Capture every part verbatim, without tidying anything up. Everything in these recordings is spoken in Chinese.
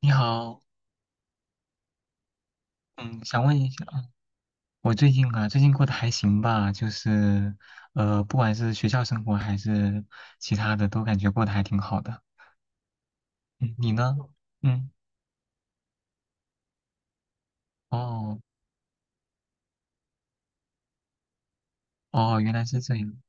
你好。嗯，想问一下啊。我最近啊，最近过得还行吧？就是，呃，不管是学校生活还是其他的，都感觉过得还挺好的。嗯，你呢？嗯。哦。哦，原来是这样。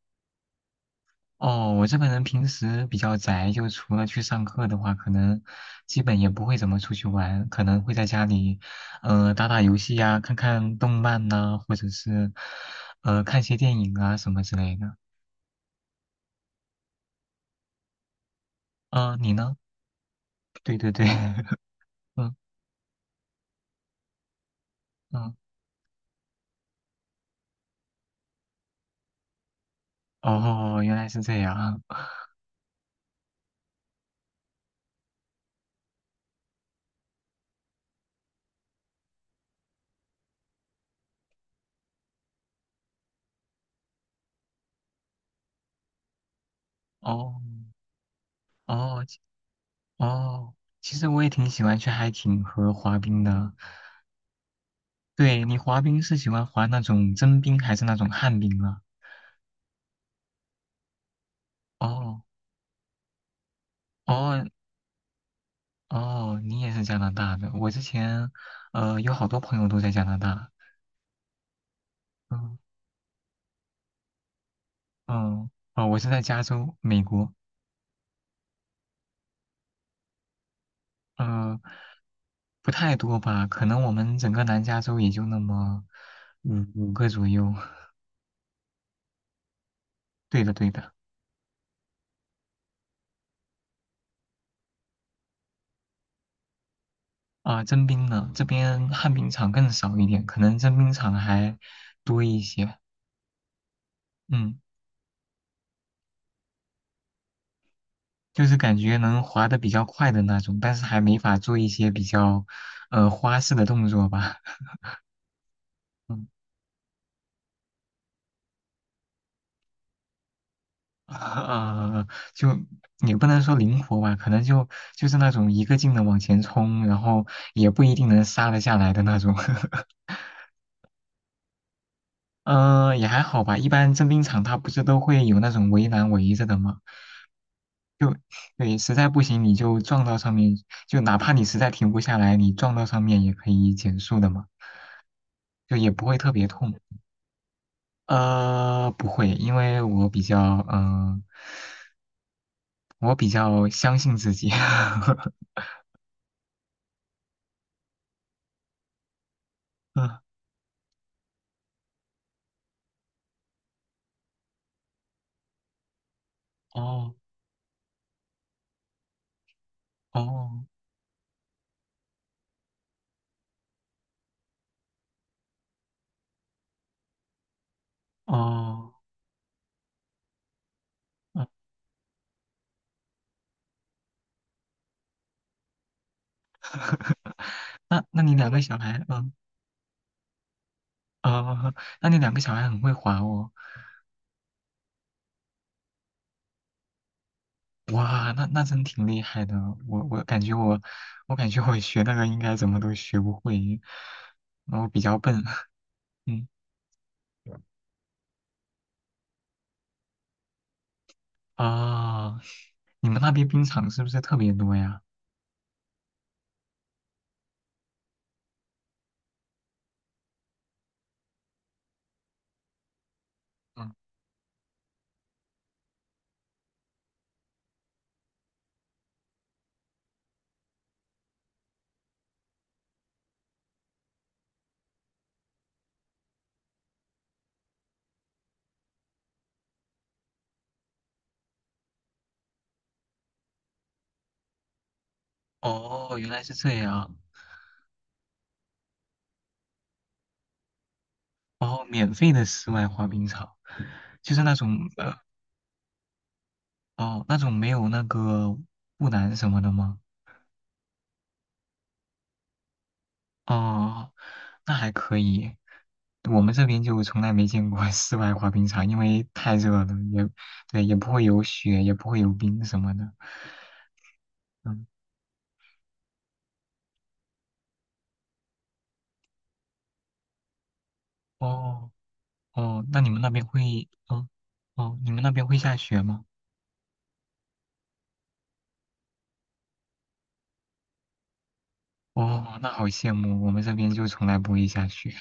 哦，我这个人平时比较宅，就除了去上课的话，可能基本也不会怎么出去玩，可能会在家里，呃，打打游戏呀、看看动漫呐、或者是，呃，看些电影啊什么之类的。嗯、你呢？对对对。嗯嗯。哦，原来是这样。哦。哦。哦，其实我也挺喜欢去海景和滑冰的。对，你滑冰是喜欢滑那种真冰还是那种旱冰啊？哦。哦。哦，你也是加拿大的。我之前，呃，有好多朋友都在加拿大。嗯嗯。哦，我是在加州，美国。嗯，不太多吧，可能我们整个南加州也就那么五五个左右。对的，对的。啊，征兵呢，这边旱冰场更少一点，可能征兵场还多一些。嗯，就是感觉能滑得比较快的那种，但是还没法做一些比较呃花式的动作吧。嗯，呃，就也不能说灵活吧，可能就就是那种一个劲的往前冲，然后也不一定能刹得下来的那种。呃，也还好吧，一般征兵场它不是都会有那种围栏围着的吗？就对，实在不行你就撞到上面，就哪怕你实在停不下来，你撞到上面也可以减速的嘛，就也不会特别痛。呃，不会，因为我比较，嗯、我比较相信自己。嗯。哦。哦。哦。嗯。 那那你两个小孩，嗯。哦，那你两个小孩很会滑哦。哇，那那真挺厉害的。我我感觉我，我感觉我学那个应该怎么都学不会，然后比较笨。嗯啊，你们那边冰场是不是特别多呀？嗯。哦，原来是这样。哦，免费的室外滑冰场，就是那种呃，哦，那种没有那个护栏什么的吗？哦，那还可以。我们这边就从来没见过 室外滑冰场，因为太热了，也对，也不会有雪，也不会有冰什么的。嗯。哦哦，那你们那边会，嗯，哦，你们那边会下雪吗？哦，那好羡慕，我们这边就从来不会下雪。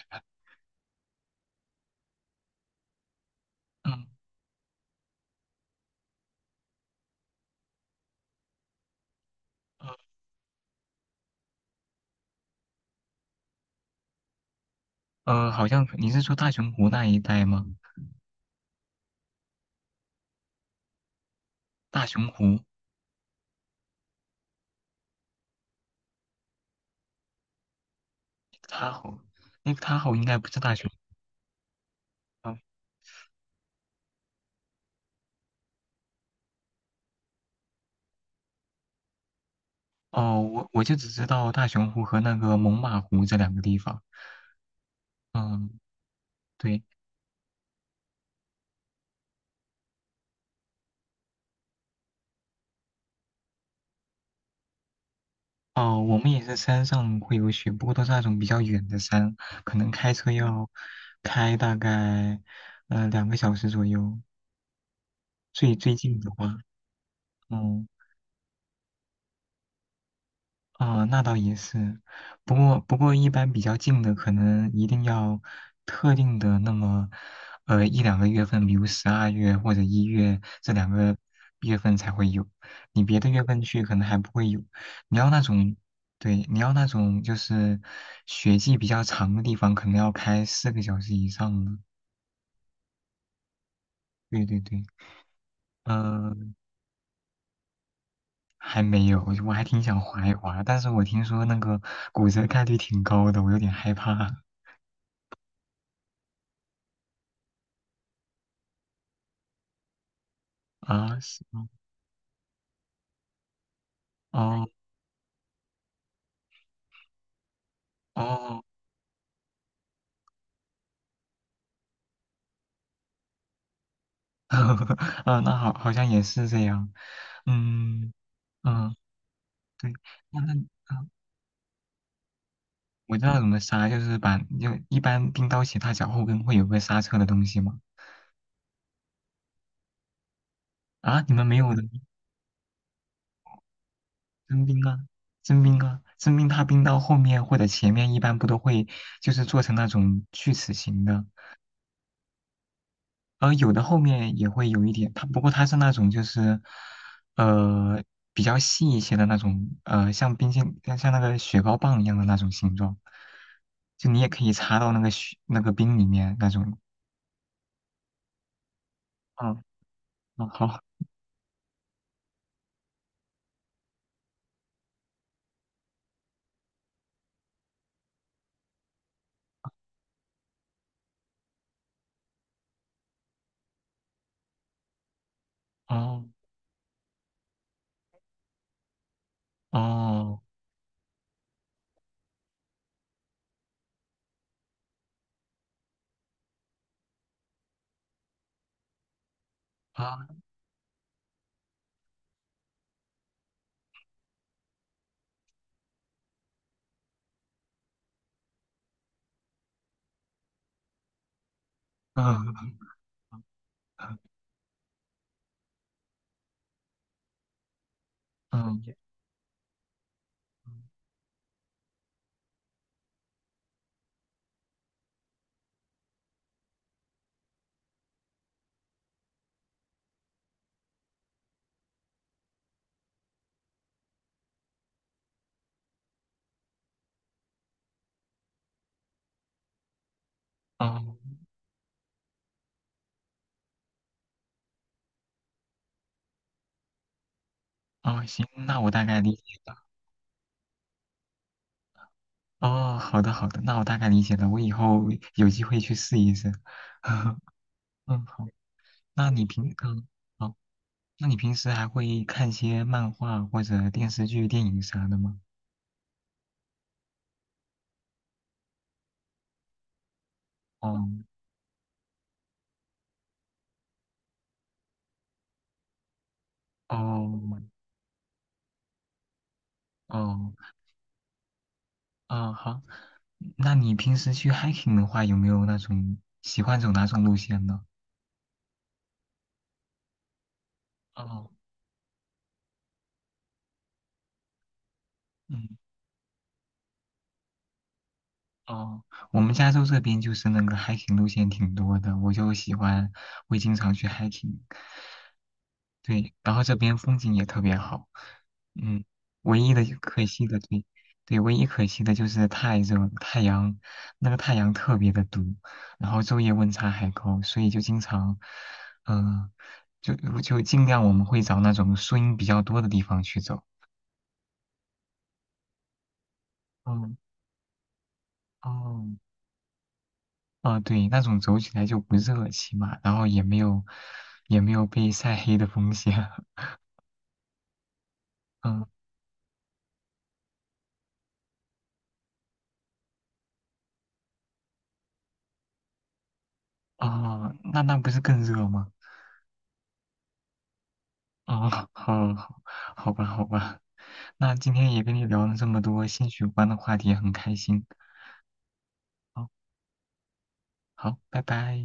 嗯，呃，呃好像你是说大熊湖那一带吗？大熊湖，Lake t a h o e l a Tahoe 应该不是大熊。哦，我我就只知道大熊湖和那个猛犸湖这两个地方。嗯，对。哦，我们也是山上会有雪，不过都是那种比较远的山，可能开车要开大概呃两个小时左右。最最近的话，嗯。啊、那倒也是，不过不过一般比较近的，可能一定要特定的那么，呃一两个月份，比如十二月或者一月这两个月份才会有，你别的月份去可能还不会有。你要那种，对，你要那种就是雪季比较长的地方，可能要开四个小时以上的。对对对，呃，还没有，我还挺想滑一滑，但是我听说那个骨折概率挺高的，我有点害怕啊。是。哦哦。啊，那好，好像也是这样。嗯嗯。对。那那啊，我知道怎么刹，就是把就一般冰刀鞋踏脚后跟会有个刹车的东西吗？啊，你们没有的，真冰啊，真冰啊，真冰它冰刀后面或者前面一般不都会就是做成那种锯齿形的。呃，有的后面也会有一点，它不过它是那种就是，呃，比较细一些的那种，呃，像冰淇像像那个雪糕棒一样的那种形状，就你也可以插到那个雪那个冰里面那种。嗯嗯。好。哦哦啊。嗯嗯。哦哦，行，那我大概理解了。哦，好的好的，那我大概理解了，我以后有机会去试一试。嗯，好。那你平嗯。好那你平时还会看些漫画或者电视剧、电影啥的吗？哦哦哦哦，好。那你平时去 hiking 的话，有没有那种喜欢走哪种路线呢？哦。嗯。哦，我们加州这边就是那个 hiking 路线挺多的，我就喜欢，会经常去 hiking。对，然后这边风景也特别好，嗯，唯一的可惜的，对，对，唯一可惜的就是太热了太阳那个太阳特别的毒，然后昼夜温差还高，所以就经常，嗯、就就尽量我们会找那种树荫比较多的地方去走。嗯。哦。啊，对，那种走起来就不热，起码，然后也没有也没有被晒黑的风险。嗯。哦，那那不是更热吗？哦，好，好，好吧，好吧，那今天也跟你聊了这么多兴趣有关的话题，很开心。好，好，拜拜。